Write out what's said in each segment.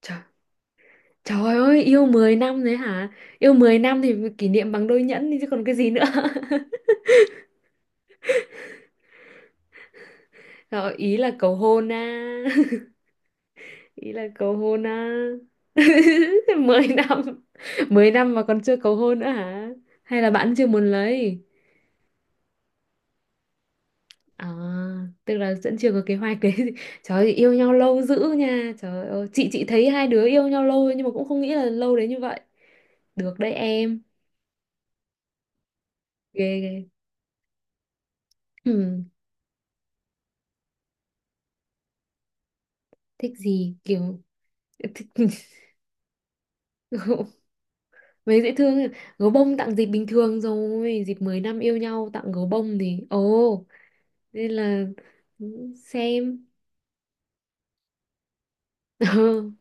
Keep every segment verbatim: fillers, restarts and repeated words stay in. Trời, trời ơi, yêu mười năm đấy hả? Yêu mười năm thì kỷ niệm bằng đôi nhẫn đi chứ còn cái gì nữa. Rồi, ý là cầu hôn á. Ý là cầu hôn á. Mười năm. Mười năm mà còn chưa cầu hôn nữa hả? Hay là bạn chưa muốn lấy? À, tức là vẫn chưa có kế hoạch đấy. Trời ơi, yêu nhau lâu dữ nha. Trời ơi, chị chị thấy hai đứa yêu nhau lâu nhưng mà cũng không nghĩ là lâu đến như vậy. Được đấy em. Ghê ghê. Ừ, thích gì kiểu. Thích... Mấy dễ thương, gấu bông tặng dịp bình thường rồi dịp mới năm yêu nhau tặng gấu bông thì ồ nên là ừ, xem. Ờ,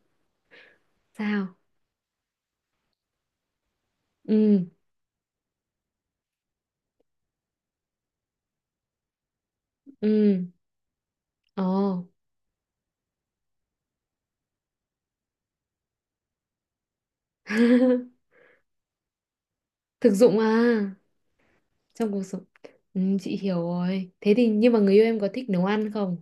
sao ừ ừ ồ. Thực dụng à, trong cuộc sống. Ừ, chị hiểu rồi thế thì nhưng mà người yêu em có thích nấu ăn không?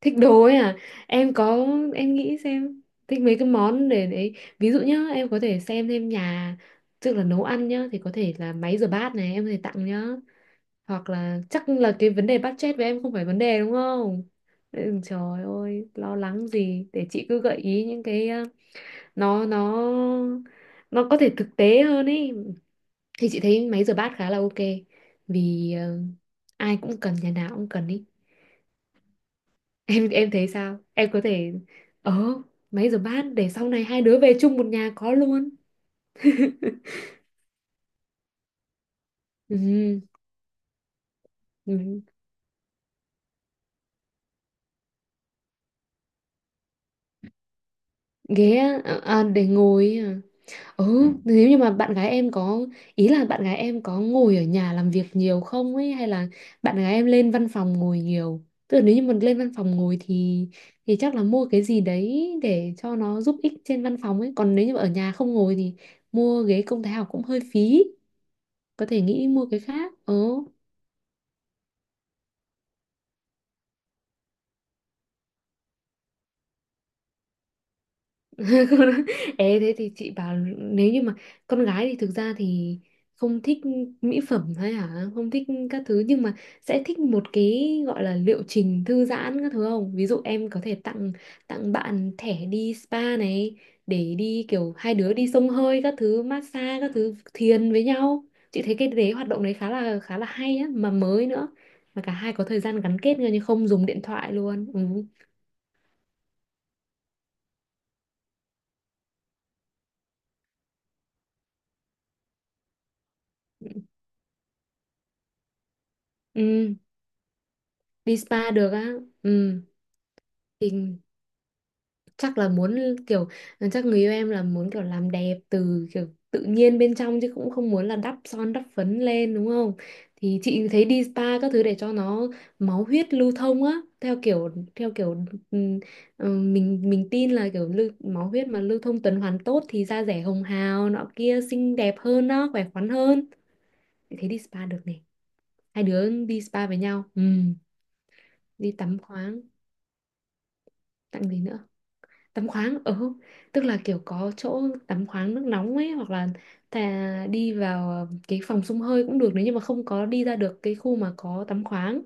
Thích đồ ấy à, em có, em nghĩ xem, thích mấy cái món để đấy. Ví dụ nhá, em có thể xem thêm nhà, tức là nấu ăn nhá thì có thể là máy rửa bát này em có thể tặng nhá, hoặc là chắc là cái vấn đề budget với em không phải vấn đề đúng không? Ừ, trời ơi lo lắng gì để chị cứ gợi ý những cái ờ, nó nó nó có thể thực tế hơn ý, thì chị thấy máy rửa bát khá là ok, vì ờ, ai cũng cần nhà nào cũng cần ý. em em thấy sao, em có thể, ờ máy rửa bát để sau này hai đứa về chung một nhà có luôn. Ừ, ừ. Ghế á, à, à, để ngồi ý à. Ừ, nếu như mà bạn gái em có, ý là bạn gái em có ngồi ở nhà làm việc nhiều không ấy hay là bạn gái em lên văn phòng ngồi nhiều. Tức là nếu như mình lên văn phòng ngồi thì thì chắc là mua cái gì đấy để cho nó giúp ích trên văn phòng ấy, còn nếu như mà ở nhà không ngồi thì mua ghế công thái học cũng hơi phí, có thể nghĩ mua cái khác. Ừ. Ê, thế thì chị bảo nếu như mà con gái thì thực ra thì không thích mỹ phẩm hay hả không thích các thứ nhưng mà sẽ thích một cái gọi là liệu trình thư giãn các thứ không, ví dụ em có thể tặng, tặng bạn thẻ đi spa này, để đi kiểu hai đứa đi xông hơi các thứ massage các thứ thiền với nhau, chị thấy cái đấy hoạt động đấy khá là khá là hay á mà mới nữa, mà cả hai có thời gian gắn kết nhau nhưng không dùng điện thoại luôn. Ừ, ừ. Đi spa được á. Ừ thì chắc là muốn kiểu ờ, chắc người yêu em là muốn kiểu làm đẹp từ kiểu tự nhiên bên trong chứ cũng không muốn là đắp son đắp phấn lên đúng không? Thì chị thấy đi spa các thứ để cho nó máu huyết lưu thông á, theo kiểu theo kiểu ừm, ừm, mình mình tin là kiểu lưu, máu huyết mà lưu thông tuần hoàn tốt thì da dẻ hồng hào nọ kia xinh đẹp hơn đó, khỏe khoắn hơn. Chị thấy đi spa được này, hai đứa đi spa với nhau. Ừm, đi tắm khoáng, tặng gì nữa, tắm khoáng ừ, tức là kiểu có chỗ tắm khoáng nước nóng ấy hoặc là ta đi vào cái phòng xông hơi cũng được, nếu như mà không có đi ra được cái khu mà có tắm khoáng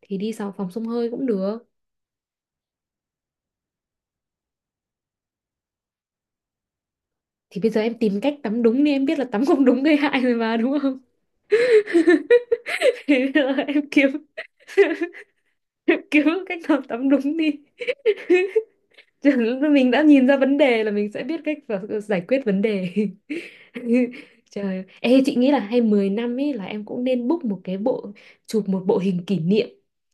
thì đi vào phòng xông hơi cũng được. Thì bây giờ em tìm cách tắm đúng đi, em biết là tắm không đúng gây hại rồi mà đúng không? Thế bây giờ em kiếm em kiếm cách nào tắm đúng đi. Mình đã nhìn ra vấn đề là mình sẽ biết cách và giải quyết vấn đề. Trời ơi. Ê chị nghĩ là hay mười năm ấy là em cũng nên book một cái bộ, chụp một bộ hình kỷ niệm,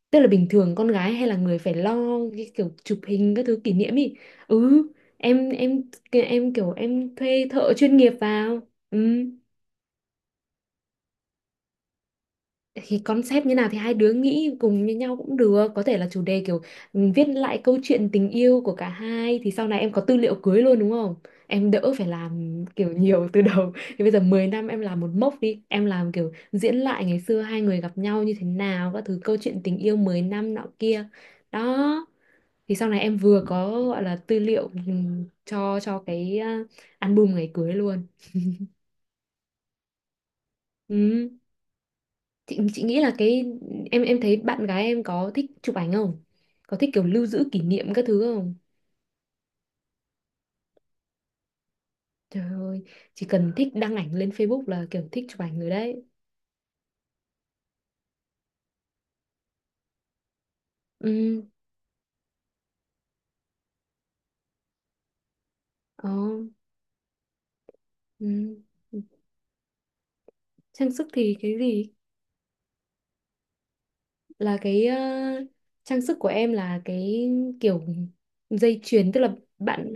tức là bình thường con gái hay là người phải lo cái kiểu chụp hình các thứ kỷ niệm ý. Ừ, em em em kiểu em thuê thợ chuyên nghiệp vào. Ừ thì concept như nào thì hai đứa nghĩ cùng với nhau cũng được, có thể là chủ đề kiểu, ừ, viết lại câu chuyện tình yêu của cả hai thì sau này em có tư liệu cưới luôn đúng không? Em đỡ phải làm kiểu nhiều từ đầu. Thì bây giờ mười năm em làm một mốc đi, em làm kiểu diễn lại ngày xưa hai người gặp nhau như thế nào các thứ câu chuyện tình yêu mười năm nọ kia. Đó, thì sau này em vừa có gọi là tư liệu ừ, cho cho cái ờ, album ngày cưới luôn. Ừ, chị chị nghĩ là cái em em thấy bạn gái em có thích chụp ảnh không, có thích kiểu lưu giữ kỷ niệm các thứ không? Trời ơi, chỉ cần thích đăng ảnh lên Facebook là kiểu thích chụp ảnh rồi đấy. Ừ ờ ừ. Trang sức thì cái gì, là cái ờ, trang sức của em là cái kiểu dây chuyền tức là bạn.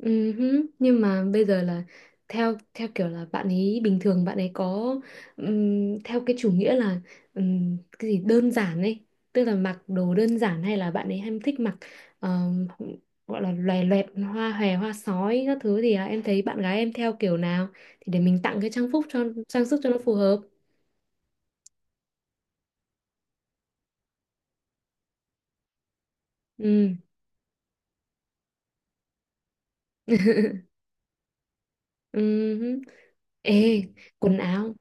Ừ hứ, nhưng mà bây giờ là theo theo kiểu là bạn ấy bình thường bạn ấy có ừm, theo cái chủ nghĩa là ừm, cái gì đơn giản ấy, tức là mặc đồ đơn giản hay là bạn ấy hay thích mặc ờm, gọi là loè loẹt hoa hòe hoa sói các thứ thì à, em thấy bạn gái em theo kiểu nào thì để mình tặng cái trang phục cho, trang sức cho nó phù hợp. Ừ ừ hứ. Ê quần áo,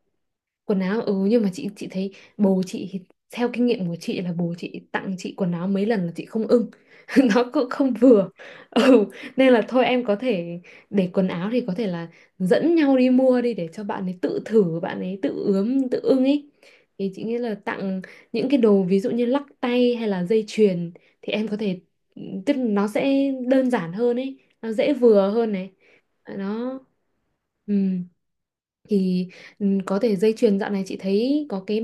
quần áo ừ nhưng mà chị chị thấy bố chị thì- theo kinh nghiệm của chị là bố chị tặng chị quần áo mấy lần là chị không ưng. Nó cũng không vừa. Ừ nên là thôi em có thể, để quần áo thì có thể là dẫn nhau đi mua đi để cho bạn ấy tự thử, bạn ấy tự ướm tự ưng ấy. Thì chị nghĩ là tặng những cái đồ ví dụ như lắc tay hay là dây chuyền thì em có thể, ừ, tức là nó sẽ đơn giản hơn ấy, nó dễ vừa hơn này, nó ừ. Thì ừ, có thể dây chuyền dạo này chị thấy có cái,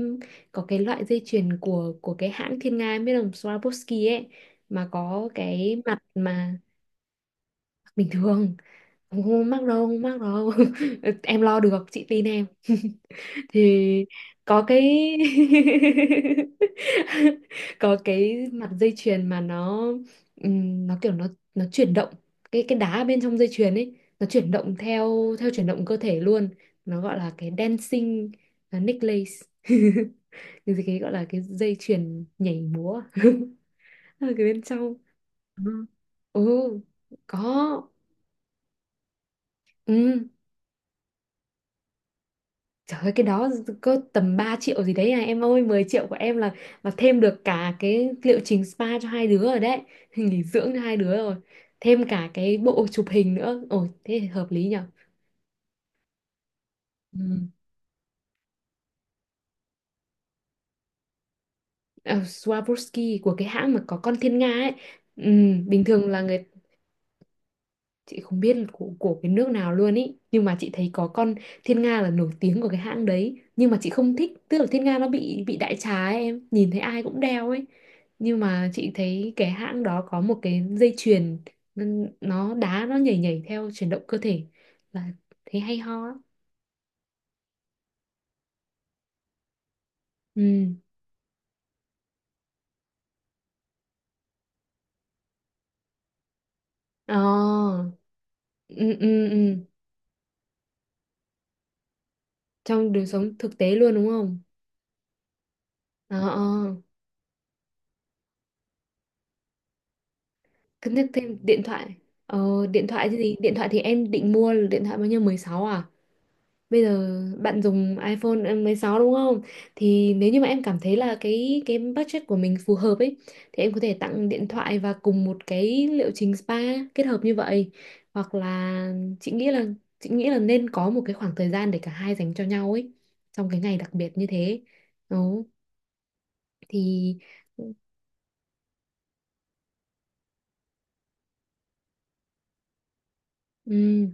có cái loại dây chuyền của của cái hãng Thiên Nga em biết không, Swarovski ấy, mà có cái mặt mà bình thường không, không mắc đâu, không mắc đâu. Em lo được chị tin em. Thì có cái có cái mặt dây chuyền mà nó ừm, nó kiểu nó nó chuyển động, cái cái đá bên trong dây chuyền ấy nó chuyển động theo theo chuyển động cơ thể luôn, nó gọi là cái dancing uh, necklace. Cái gì- cái gọi là cái dây chuyền nhảy múa ở cái bên trong. Ừ. Ừ có ừ. Trời ơi cái đó có tầm ba triệu gì đấy à em ơi, mười triệu của em là là thêm được cả cái liệu trình spa cho hai đứa rồi đấy. Nghỉ dưỡng cho hai đứa rồi, thêm cả cái bộ chụp hình nữa ồ thế thì hợp lý nhở. Ừ. À, Swarovski của cái hãng mà có con thiên nga ấy. Ừ, bình thường là người, chị không biết là của, của cái nước nào luôn ý, nhưng mà chị thấy có con Thiên Nga là nổi tiếng của cái hãng đấy nhưng mà chị không thích, tức là Thiên Nga nó bị bị đại trà ấy, em nhìn thấy ai cũng đeo ấy. Nhưng mà chị thấy cái hãng đó có một cái dây chuyền nó nó đá nó nhảy nhảy theo chuyển động cơ thể, là thấy hay ho á. Ừ ờ ừ, ừ, ừ. Trong đời sống thực tế luôn đúng không. Ờ ờ. Cân nhắc thêm điện thoại. Ờ điện thoại thì gì, điện thoại thì em định mua là điện thoại bao nhiêu, mười sáu à? Bây giờ bạn dùng iPhone mười sáu đúng không? Thì nếu như mà em cảm thấy là cái cái budget của mình phù hợp ấy thì em có thể tặng điện thoại và cùng một cái liệu trình spa, kết hợp như vậy. Hoặc là chị nghĩ là chị nghĩ là nên có một cái khoảng thời gian để cả hai dành cho nhau ấy, trong cái ngày đặc biệt như thế. Đó thì ừm,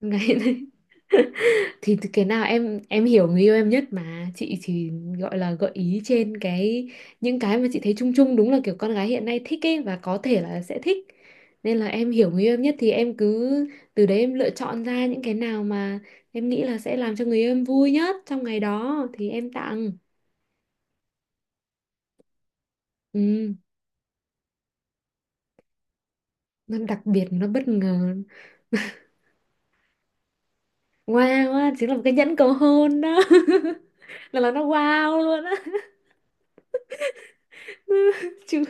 ngày. Thì cái nào em em hiểu người yêu em nhất mà chị chỉ gọi là gợi ý trên cái những cái mà chị thấy chung chung đúng là kiểu con gái hiện nay thích ấy và có thể là sẽ thích, nên là em hiểu người yêu em nhất thì em cứ từ đấy em lựa chọn ra những cái nào mà em nghĩ là sẽ làm cho người yêu em vui nhất trong ngày đó thì em tặng. Ừ nó đặc biệt nó bất ngờ, wow á chính là một cái nhẫn cầu hôn đó. là là nó wow luôn á. Chưa.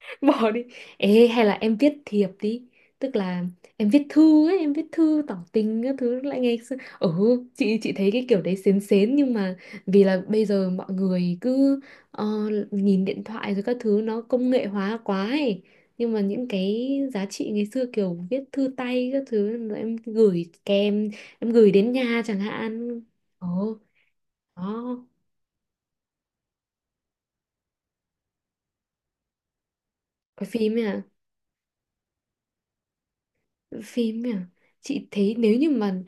Bỏ đi. Ê hay là em viết thiệp đi, tức là em viết thư ấy, em viết thư tỏ tình các thứ lại ngày xưa. Ừ chị chị thấy cái kiểu đấy xến xến nhưng mà vì là bây giờ mọi người cứ ờ, nhìn điện thoại rồi các thứ nó công nghệ hóa quá ấy, nhưng mà những cái giá trị ngày xưa kiểu viết thư tay các thứ rồi em gửi kèm, em gửi đến nhà chẳng hạn. Ồ đó. Coi phim ấy, phim nhỉ, chị thấy nếu như mà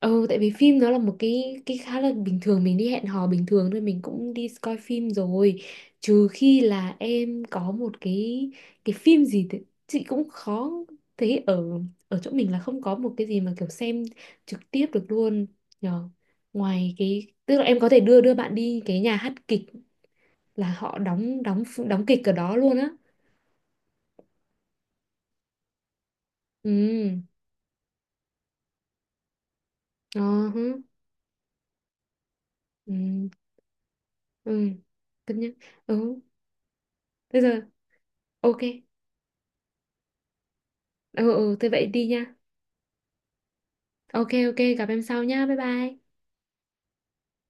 ừ tại vì phim nó là một cái cái khá là bình thường, mình đi hẹn hò bình thường thôi mình cũng đi coi phim rồi, trừ khi là em có một cái cái phim gì thì chị cũng khó thấy ở ở chỗ mình là không có một cái gì mà kiểu xem trực tiếp được luôn, nhờ ngoài cái tức là em có thể đưa đưa bạn đi cái nhà hát kịch là họ đóng đóng đóng kịch ở đó luôn á. Ừ ờ uh ừ ừ cân nhắc ừ. Thế giờ ok. Ừ, ừ, thế vậy đi nha. Ok, ok, gặp em sau nha. Bye bye.